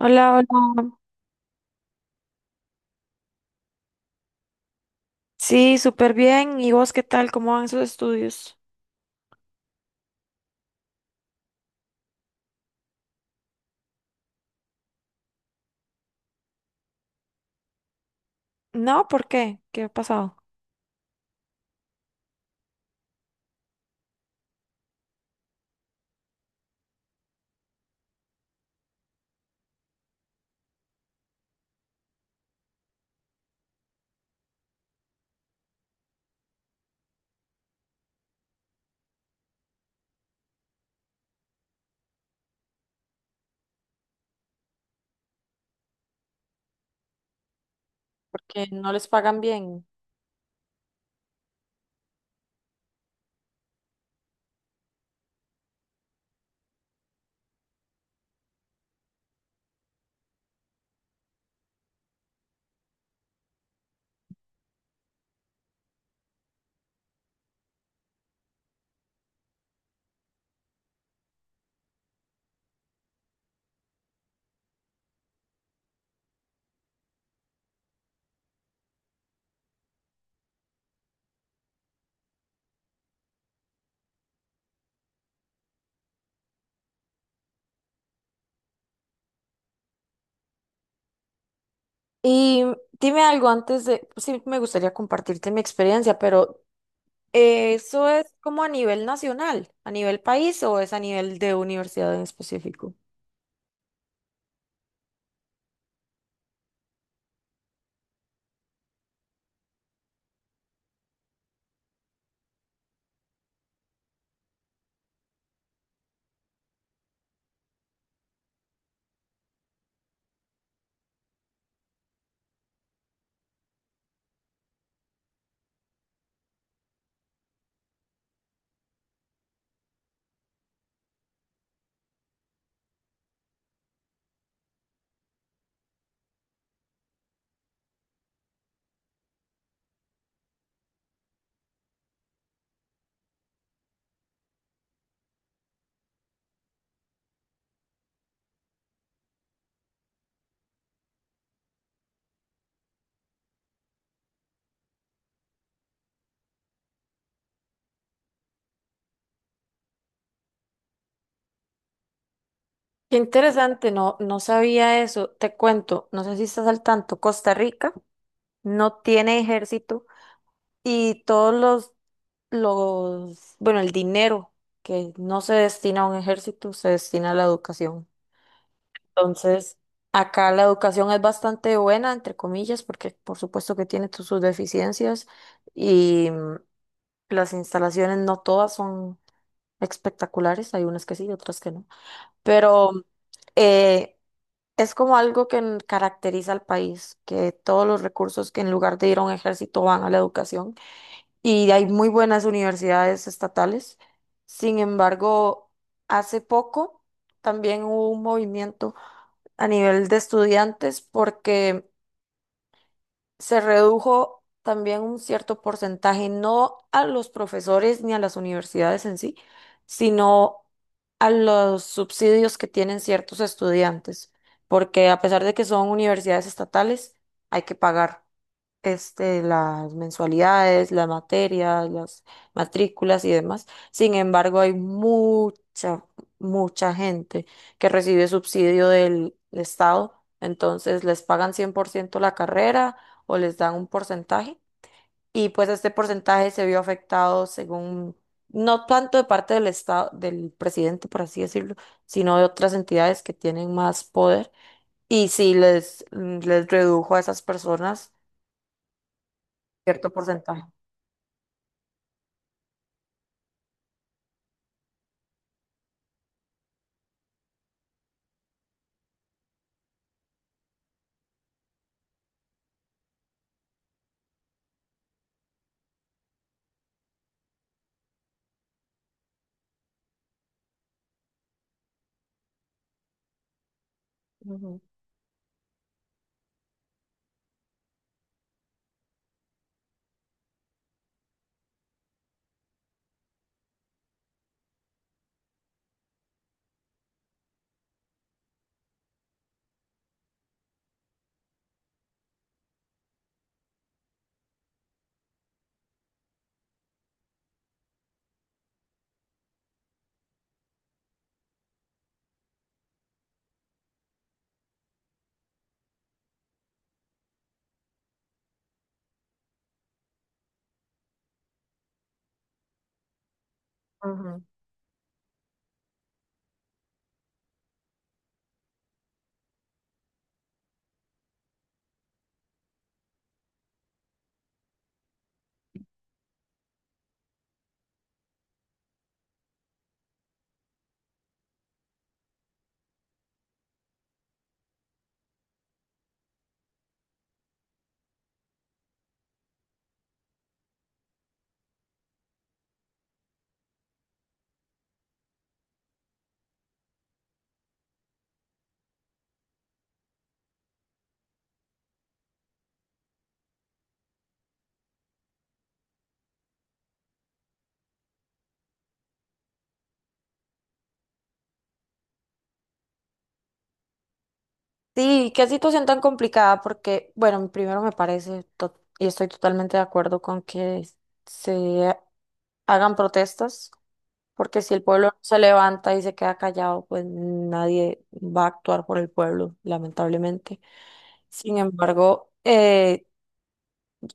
Hola, hola. Sí, súper bien. ¿Y vos qué tal? ¿Cómo van sus estudios? No, ¿por qué? ¿Qué ha pasado? Porque no les pagan bien. Y Dime algo antes de, sí, me gustaría compartirte mi experiencia, pero ¿eso es como a nivel nacional, a nivel país o es a nivel de universidad en específico? Qué interesante, no, no sabía eso. Te cuento, no sé si estás al tanto, Costa Rica no tiene ejército y todos los, bueno, el dinero que no se destina a un ejército, se destina a la educación. Entonces, acá la educación es bastante buena, entre comillas, porque por supuesto que tiene sus deficiencias y las instalaciones no todas son espectaculares, hay unas que sí y otras que no. Pero eh, es como algo que caracteriza al país, que todos los recursos que en lugar de ir a un ejército van a la educación y hay muy buenas universidades estatales. Sin embargo, hace poco también hubo un movimiento a nivel de estudiantes porque se redujo también un cierto porcentaje, no a los profesores ni a las universidades en sí, sino a los subsidios que tienen ciertos estudiantes, porque a pesar de que son universidades estatales, hay que pagar este, las mensualidades, las materias, las matrículas y demás. Sin embargo, hay mucha gente que recibe subsidio del Estado, entonces les pagan 100% la carrera o les dan un porcentaje. Y pues este porcentaje se vio afectado según, no tanto de parte del estado, del presidente, por así decirlo, sino de otras entidades que tienen más poder. Y sí les redujo a esas personas cierto porcentaje. Ujú, ujú. Sí, qué situación tan complicada, porque, bueno, primero me parece, y estoy totalmente de acuerdo con que se hagan protestas. Porque si el pueblo no se levanta y se queda callado, pues nadie va a actuar por el pueblo, lamentablemente. Sin embargo,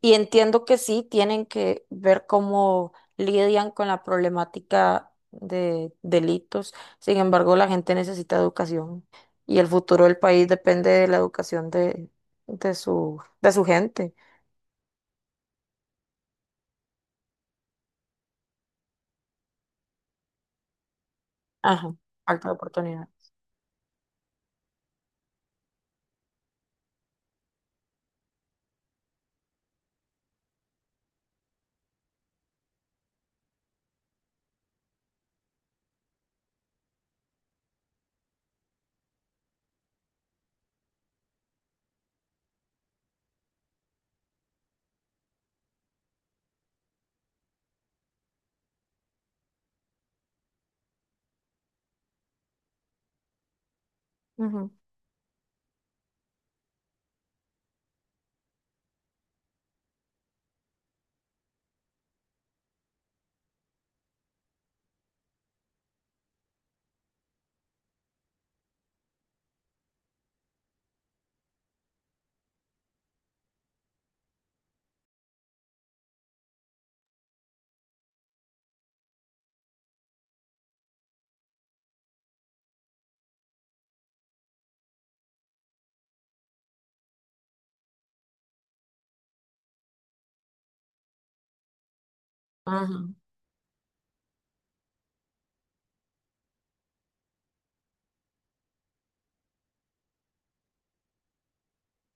y entiendo que sí, tienen que ver cómo lidian con la problemática de delitos. Sin embargo, la gente necesita educación y el futuro del país depende de la educación de de su gente. Ajá, falta de oportunidad. Ujú, ujú.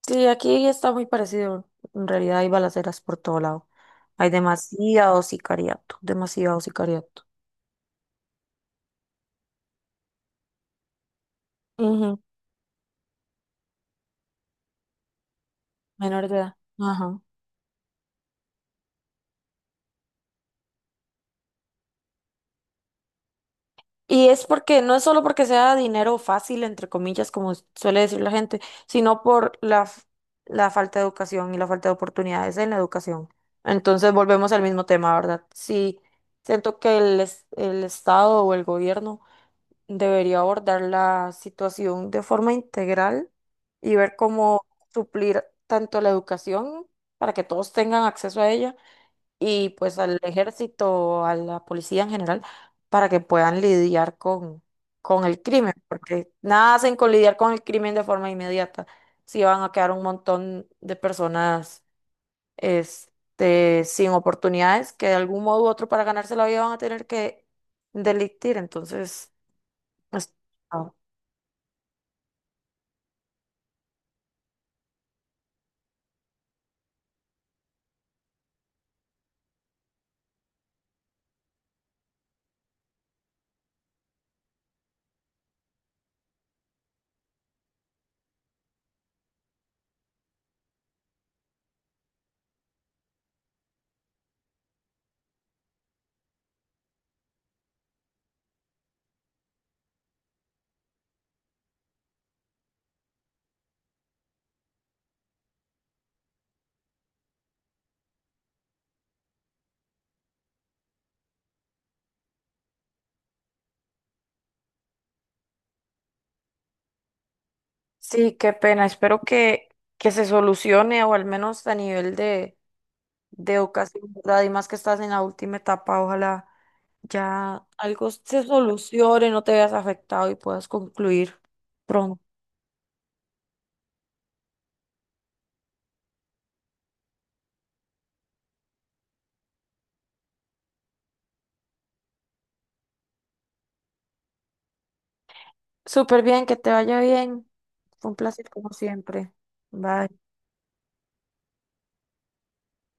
Sí, aquí está muy parecido. En realidad hay balaceras por todo lado. Hay demasiado sicariato, demasiado sicariato. Ujú, menor de edad. Ajá. Y es porque, no es solo porque sea dinero fácil, entre comillas, como suele decir la gente, sino por la falta de educación y la falta de oportunidades en la educación. Entonces volvemos al mismo tema, ¿verdad? Sí, siento que el Estado o el gobierno debería abordar la situación de forma integral y ver cómo suplir tanto la educación para que todos tengan acceso a ella y pues al ejército, a la policía en general, para que puedan lidiar con el crimen, porque nada hacen con lidiar con el crimen de forma inmediata, si van a quedar un montón de personas este, sin oportunidades que de algún modo u otro para ganarse la vida van a tener que delictir, entonces... es- Sí, qué pena. Espero que se solucione o al menos a nivel de educación, ¿verdad? Y más que estás en la última etapa, ojalá ya algo se solucione, no te veas afectado y puedas concluir pronto. Súper bien, que te vaya bien. Fue un placer como siempre. Bye.